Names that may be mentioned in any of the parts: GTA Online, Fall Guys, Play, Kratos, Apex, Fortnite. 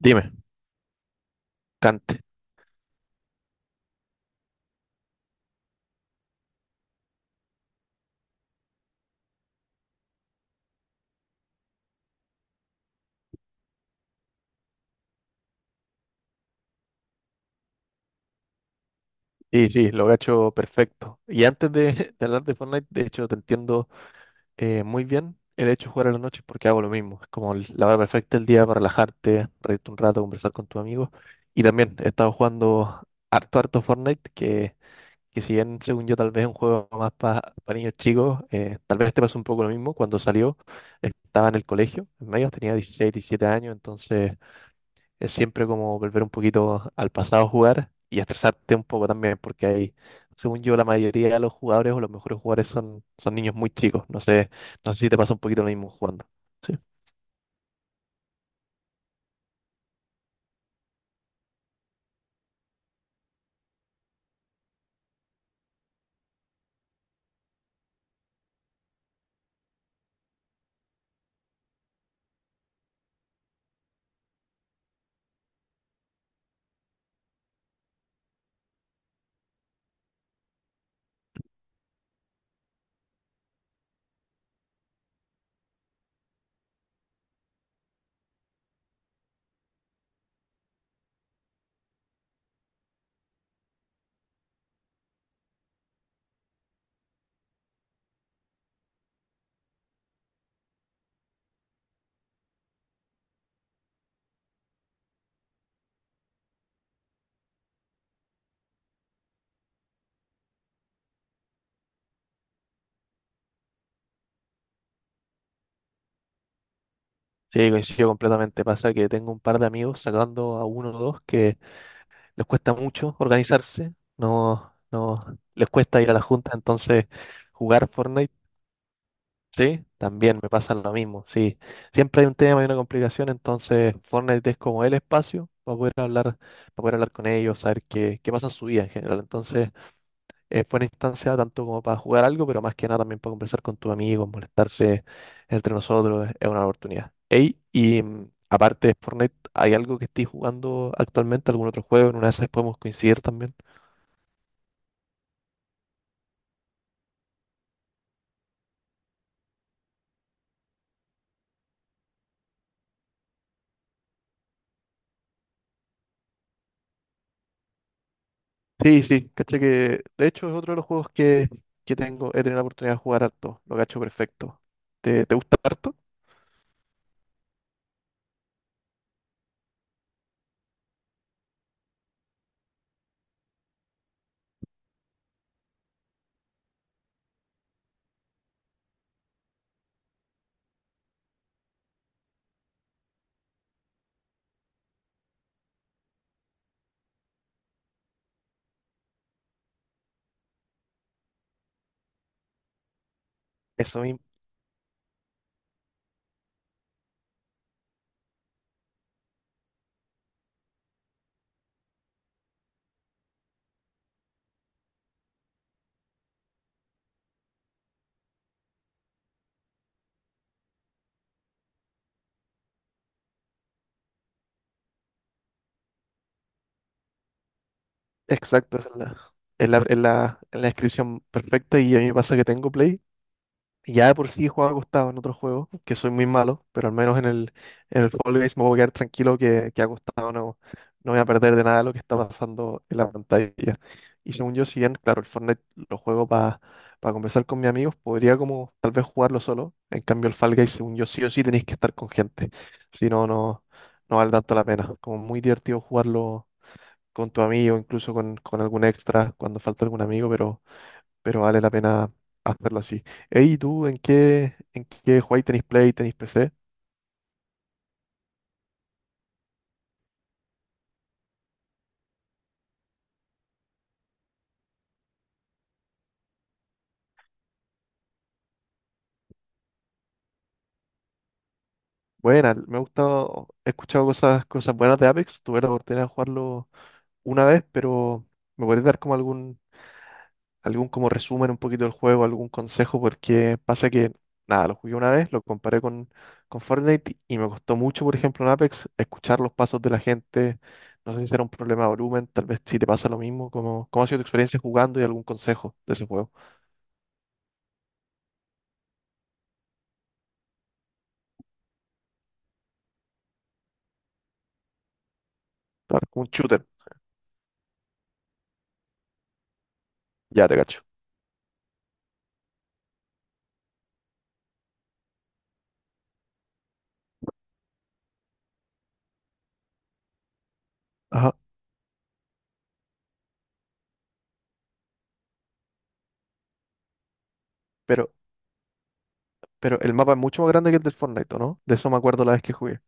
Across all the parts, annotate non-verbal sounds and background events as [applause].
Dime, cante. Y sí, lo cacho perfecto. Y antes de, [laughs] de hablar de Fortnite, de hecho, te entiendo muy bien el hecho de jugar a la noche porque hago lo mismo. Es como la hora perfecta del día para relajarte, reírte un rato, conversar con tus amigos. Y también he estado jugando harto, harto Fortnite, que si bien, según yo, tal vez es un juego más para niños chicos, tal vez te pasó un poco lo mismo. Cuando salió, estaba en el colegio, en medio, tenía 16 17 años, entonces es siempre como volver un poquito al pasado a jugar y estresarte un poco también, porque hay, según yo, la mayoría de los jugadores o los mejores jugadores son niños muy chicos. No sé, si te pasa un poquito lo mismo jugando. Sí, sí, coincido completamente. Pasa que tengo un par de amigos, sacando a uno o dos, que les cuesta mucho organizarse, no, no, les cuesta ir a la junta, entonces jugar Fortnite. Sí, también me pasa lo mismo, sí. Siempre hay un tema y una complicación, entonces Fortnite es como el espacio para poder hablar con ellos, saber qué pasa en su vida en general. Entonces, es buena instancia tanto como para jugar algo, pero más que nada también para conversar con tus amigos, molestarse entre nosotros, es una oportunidad. Ey, y aparte de Fortnite, ¿hay algo que estés jugando actualmente, algún otro juego? En una de esas podemos coincidir también. Sí, sí, caché que de hecho es otro de los juegos que tengo, he tenido la oportunidad de jugar harto, lo cacho perfecto. ¿Te gusta harto? Eso mismo, exacto, esa es la descripción perfecta y a mí me pasa que tengo Play. Ya de por sí he jugado acostado en otros juegos, que soy muy malo, pero al menos en el Fall Guys me voy a quedar tranquilo que acostado no voy a perder de nada lo que está pasando en la pantalla. Y según yo, si bien, claro, el Fortnite lo juego para conversar con mis amigos, podría como tal vez jugarlo solo. En cambio, el Fall Guys, según yo, sí o sí tenéis que estar con gente. Si no, no vale tanto la pena. Como muy divertido jugarlo con tu amigo, incluso con algún extra, cuando falta algún amigo, pero vale la pena hacerlo así. Ey, ¿y ¿tú en qué jugáis? ¿Tenéis Play, tenéis PC? Buena, me ha gustado, he escuchado cosas buenas de Apex, tuve la oportunidad de jugarlo una vez, pero me podrías dar como algún como resumen un poquito del juego, algún consejo, porque pasa que, nada, lo jugué una vez, lo comparé con Fortnite y me costó mucho, por ejemplo, en Apex, escuchar los pasos de la gente, no sé si era un problema de volumen, tal vez si te pasa lo mismo, como, ¿cómo ha sido tu experiencia jugando y algún consejo de ese juego? Claro, un shooter. Ya te cacho. Ajá. Pero, pero el mapa es mucho más grande que el del Fortnite, ¿o no? De eso me acuerdo la vez que jugué.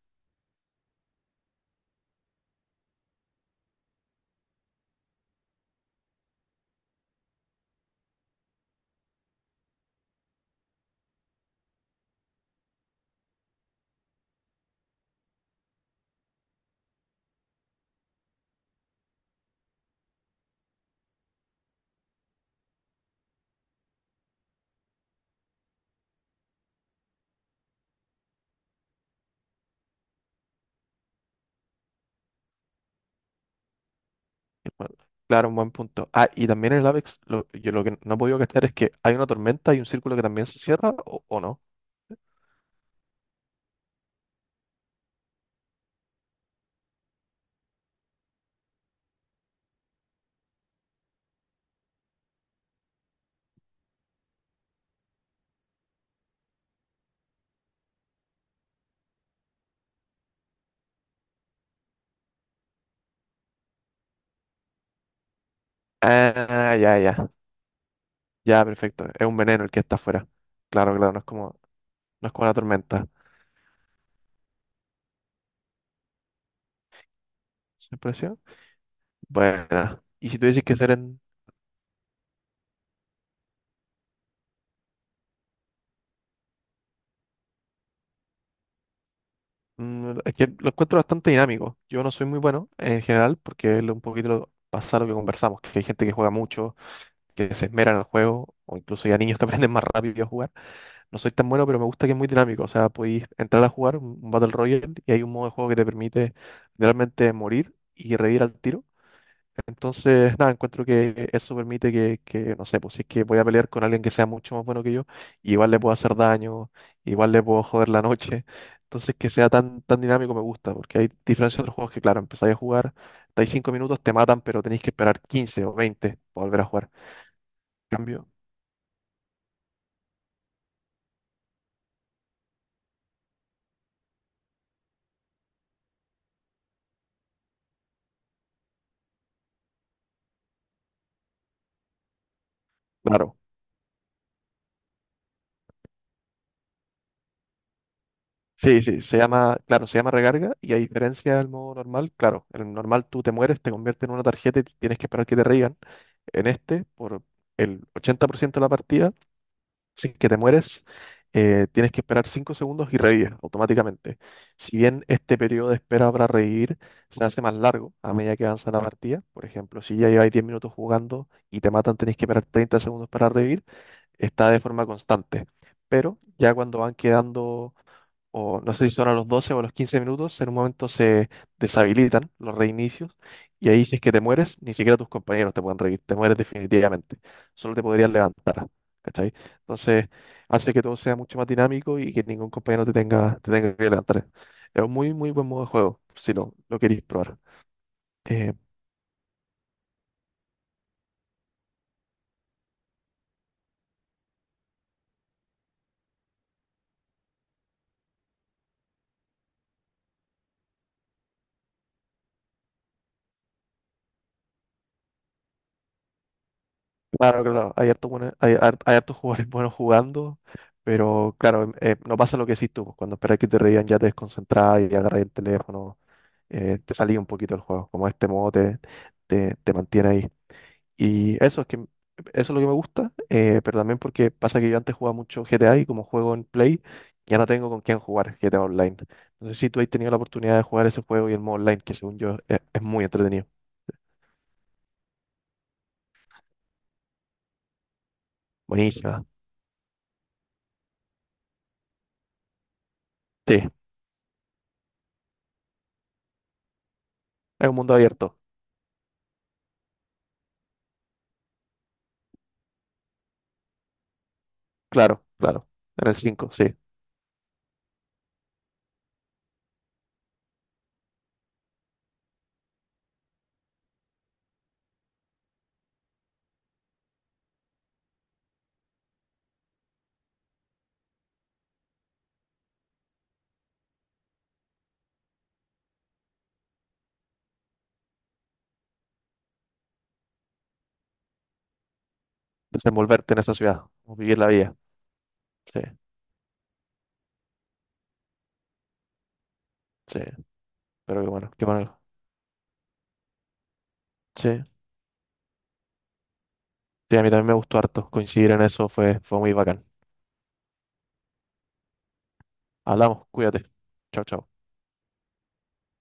Bueno, claro, un buen punto. Ah, y también en el Apex, yo lo que no he podido cachar es que hay una tormenta y un círculo que también se cierra, ¿o no? Ah, ya, ya. Ya, perfecto. Es un veneno el que está afuera. Claro, claro, no es como, no es como la tormenta. ¿Se presión? Bueno. Y si tú dices que ser en. Es que lo encuentro bastante dinámico. Yo no soy muy bueno en general, porque es un poquito lo, pasa lo que conversamos, que hay gente que juega mucho, que se esmera en el juego, o incluso ya niños que [laughs] aprenden más rápido a jugar. No soy tan bueno, pero me gusta que es muy dinámico. O sea, podéis entrar a jugar un Battle Royale y hay un modo de juego que te permite realmente morir y revivir al tiro. Entonces, nada, encuentro que eso permite que, no sé, pues si es que voy a pelear con alguien que sea mucho más bueno que yo, igual le puedo hacer daño, igual le puedo joder la noche. Entonces, que sea tan, tan dinámico me gusta, porque hay diferencia de otros juegos que, claro, empezáis a jugar, estáis 5 minutos, te matan, pero tenéis que esperar 15 o 20 para volver a jugar. Cambio, claro. Sí, sí, se llama, claro, se llama recarga y a diferencia del modo normal, claro, en el normal tú te mueres, te conviertes en una tarjeta y tienes que esperar que te reían. En este, por el 80% de la partida, sin que te mueres, tienes que esperar 5 segundos y revives automáticamente. Si bien este periodo de espera para revivir se hace más largo a medida que avanza la partida, por ejemplo, si ya lleváis 10 minutos jugando y te matan, tenéis que esperar 30 segundos para revivir, está de forma constante. Pero ya cuando van quedando o no sé si son a los 12 o a los 15 minutos, en un momento se deshabilitan los reinicios y ahí si es que te mueres, ni siquiera tus compañeros te pueden revivir, te mueres definitivamente, solo te podrías levantar, ¿cachai? Entonces hace que todo sea mucho más dinámico y que ningún compañero te tenga, que levantar. Es un muy, muy buen modo de juego, si lo queréis probar. Eh, Claro, claro, hay hartos buenos- hay har- hay hartos jugadores [laughs] buenos jugando, pero claro, no pasa lo que decís tú, pues, cuando esperas que te reían ya te desconcentrás y agarras el teléfono, te salís un poquito del juego, como este modo te mantiene ahí. Y eso es que, m- eso es lo que me gusta, pero también porque pasa que yo antes jugaba mucho GTA y como juego en Play, ya no tengo con quién jugar GTA Online. No sé si tú has tenido la oportunidad de jugar ese juego y el modo online, que según yo es muy entretenido. Buenísima. Sí, es un mundo abierto. Claro, claro. En el 5, sí. Desenvolverte en esa ciudad, o vivir la vida. Sí, sí. Pero qué bueno, qué bueno. Sí, sí, a mí también me gustó harto. Coincidir en eso fue muy bacán. Hablamos, cuídate. Chao, chao.